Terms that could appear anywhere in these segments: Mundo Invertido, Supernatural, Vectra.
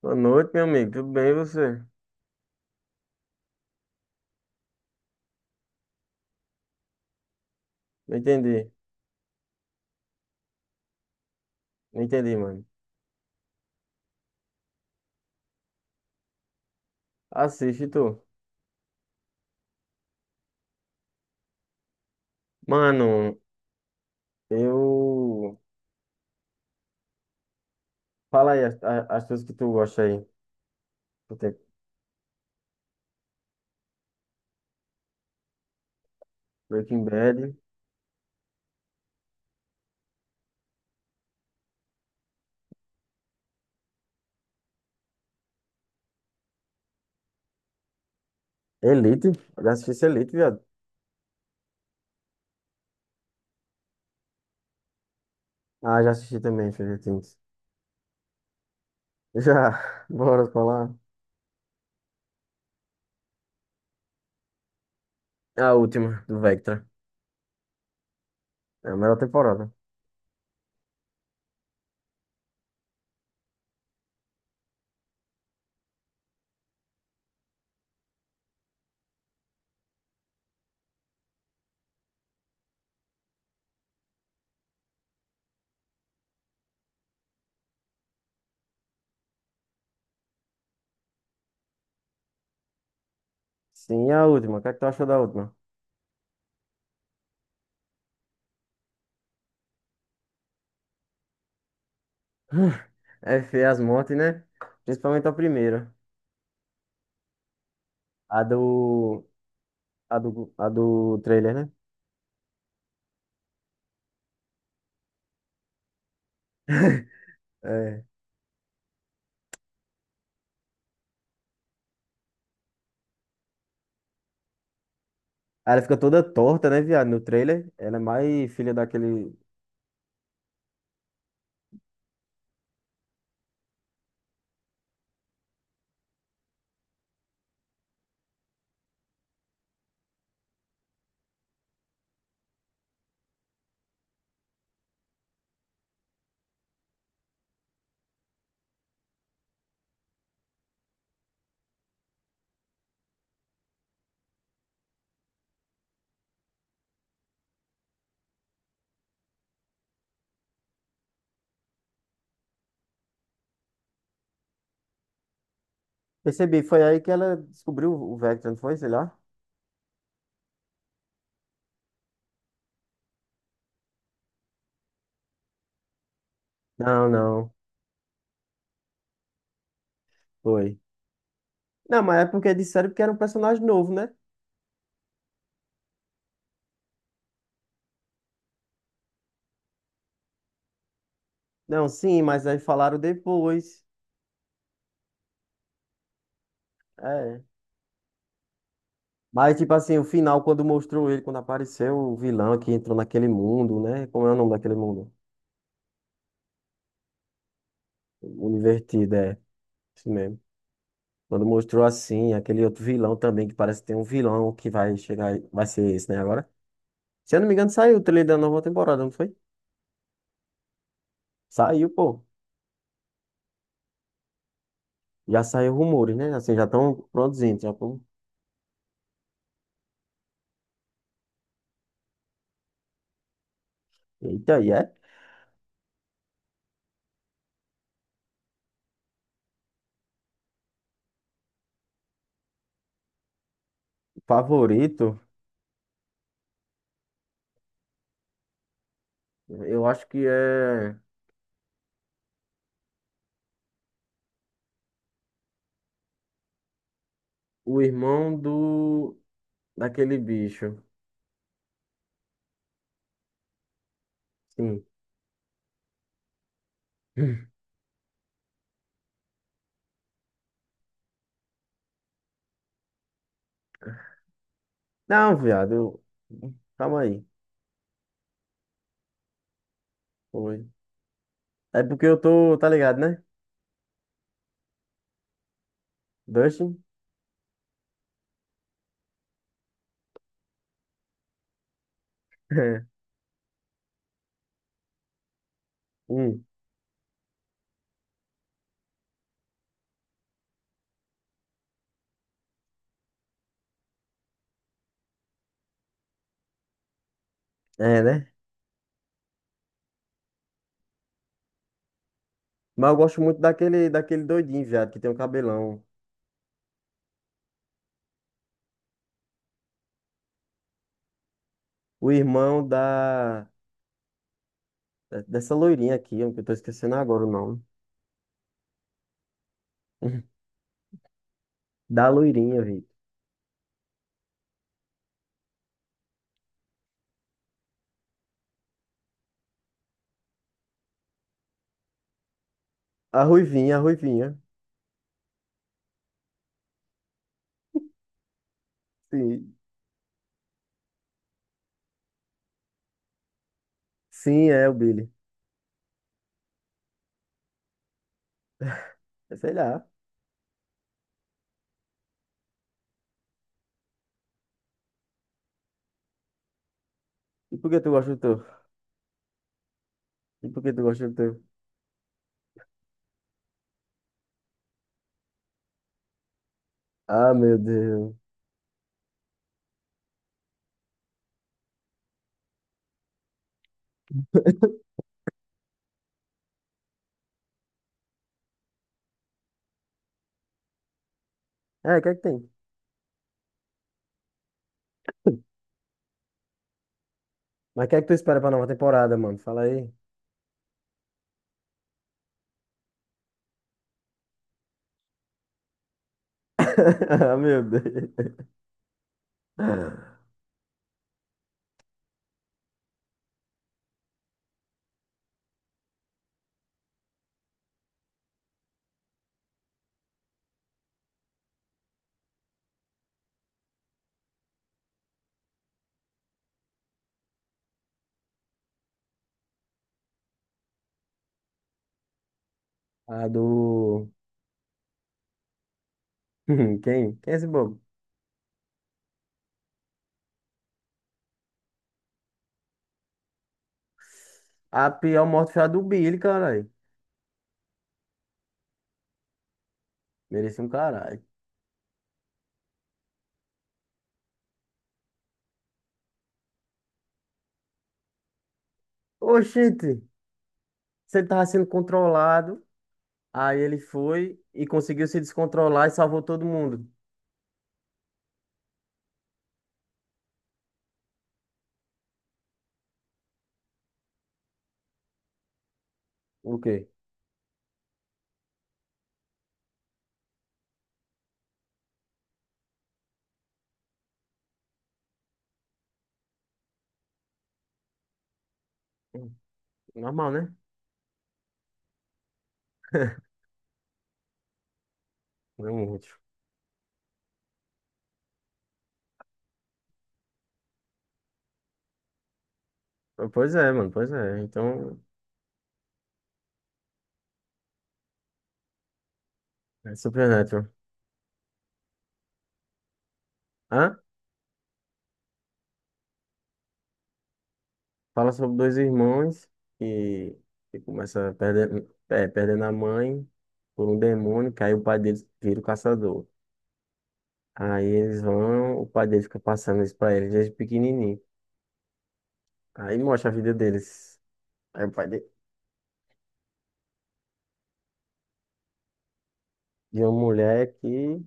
Boa noite, meu amigo. Tudo bem, e você? Não entendi. Não entendi, mano. Assiste tu. Mano, eu. Fala aí as coisas que tu gosta aí. Tu tem Breaking Bad. Elite. Eu já assisti esse Elite, viado. Ah, já assisti também, Stranger Things. Já. Bora falar. A última, do Vectra. É a melhor temporada. Sim, a última. O que é que tu achou da última? É feia as mortes, né? Principalmente a primeira. A do. A do, a do trailer, né? É. Aí ela fica toda torta, né, viado? No trailer. Ela é mais filha daquele. Percebi, foi aí que ela descobriu o Vector, não foi? Sei lá. Não, não. Foi. Não, mas é porque disseram que era um personagem novo, né? Não, sim, mas aí falaram depois. É. Mas, tipo assim, o final, quando mostrou ele, quando apareceu o vilão que entrou naquele mundo, né? Como é o nome daquele mundo? Mundo Invertido, é. Isso mesmo. Quando mostrou assim, aquele outro vilão também, que parece que tem um vilão que vai chegar. Vai ser esse, né, agora? Se eu não me engano, saiu o trailer da nova temporada, não foi? Saiu, pô. Já saiu rumores, né? Assim, já estão produzindo. Já tão... Eita, e é? Favorito? Eu acho que é o irmão do... daquele bicho. Sim. Não, viado. Calma aí. Foi. É porque eu tô, tá ligado, né? Dustin? Hum, é, né? Mas eu gosto muito daquele doidinho, viado, que tem um cabelão. O irmão da... Dessa loirinha aqui, ó, que eu tô esquecendo agora o nome. Da loirinha, Vitor. A ruivinha, a ruivinha. Sim, sim, é o Billy. É, sei lá. E por que tu gosta do teu? E por que tu gosta do teu? Ah, meu Deus. É, o que é que tem? Mas o que é que tu espera pra nova temporada, mano? Fala aí. Ah, meu Deus. A do... Quem? Quem é esse bobo? A pior morte foi a do Billy, caralho. Merecia um caralho. Oxente, se ele tava sendo controlado, aí ele foi e conseguiu se descontrolar e salvou todo mundo. O quê? Normal, né? Realmente. Pois é, mano, pois é. Então, é Supernatural. Hã? Fala sobre dois irmãos que, que começa perdendo, é, perdendo a mãe por um demônio, que aí o pai deles vira o caçador. Aí eles vão, o pai dele fica passando isso pra eles desde pequenininho. Aí mostra a vida deles. Aí o pai de uma mulher que...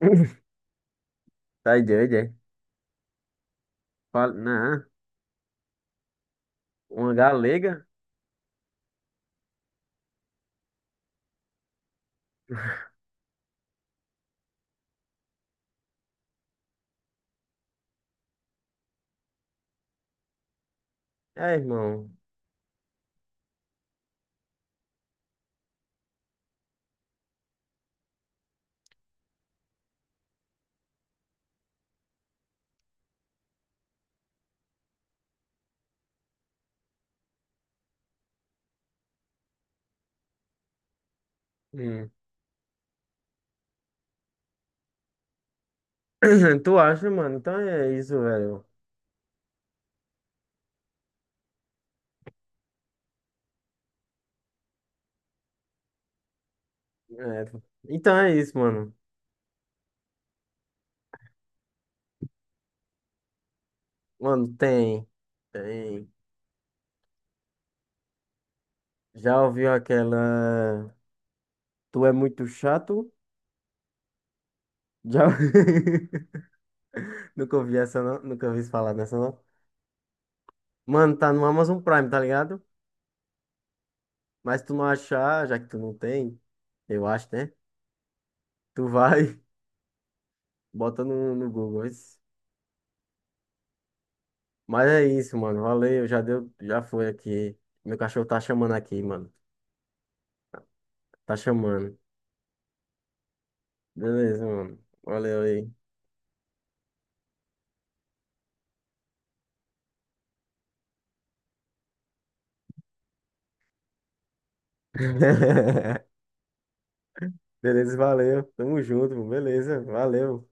Tá doido, é? Fala, não, uma galega? É, irmão. Hum. Tu acha, mano? Então é isso, velho. É, então é isso, mano. Mano, tem. Tem. Já ouviu aquela. Tu é muito chato? Já. Nunca ouvi essa, não. Nunca ouvi falar nessa, não. Mano, tá no Amazon Prime, tá ligado? Mas tu não achar, já que tu não tem, eu acho, né? Tu vai, bota no Google. Isso. Mas é isso, mano. Valeu, já deu. Já foi aqui. Meu cachorro tá chamando aqui, mano. Tá chamando. Beleza, mano. Valeu aí. Beleza, valeu. Tamo junto, beleza, valeu.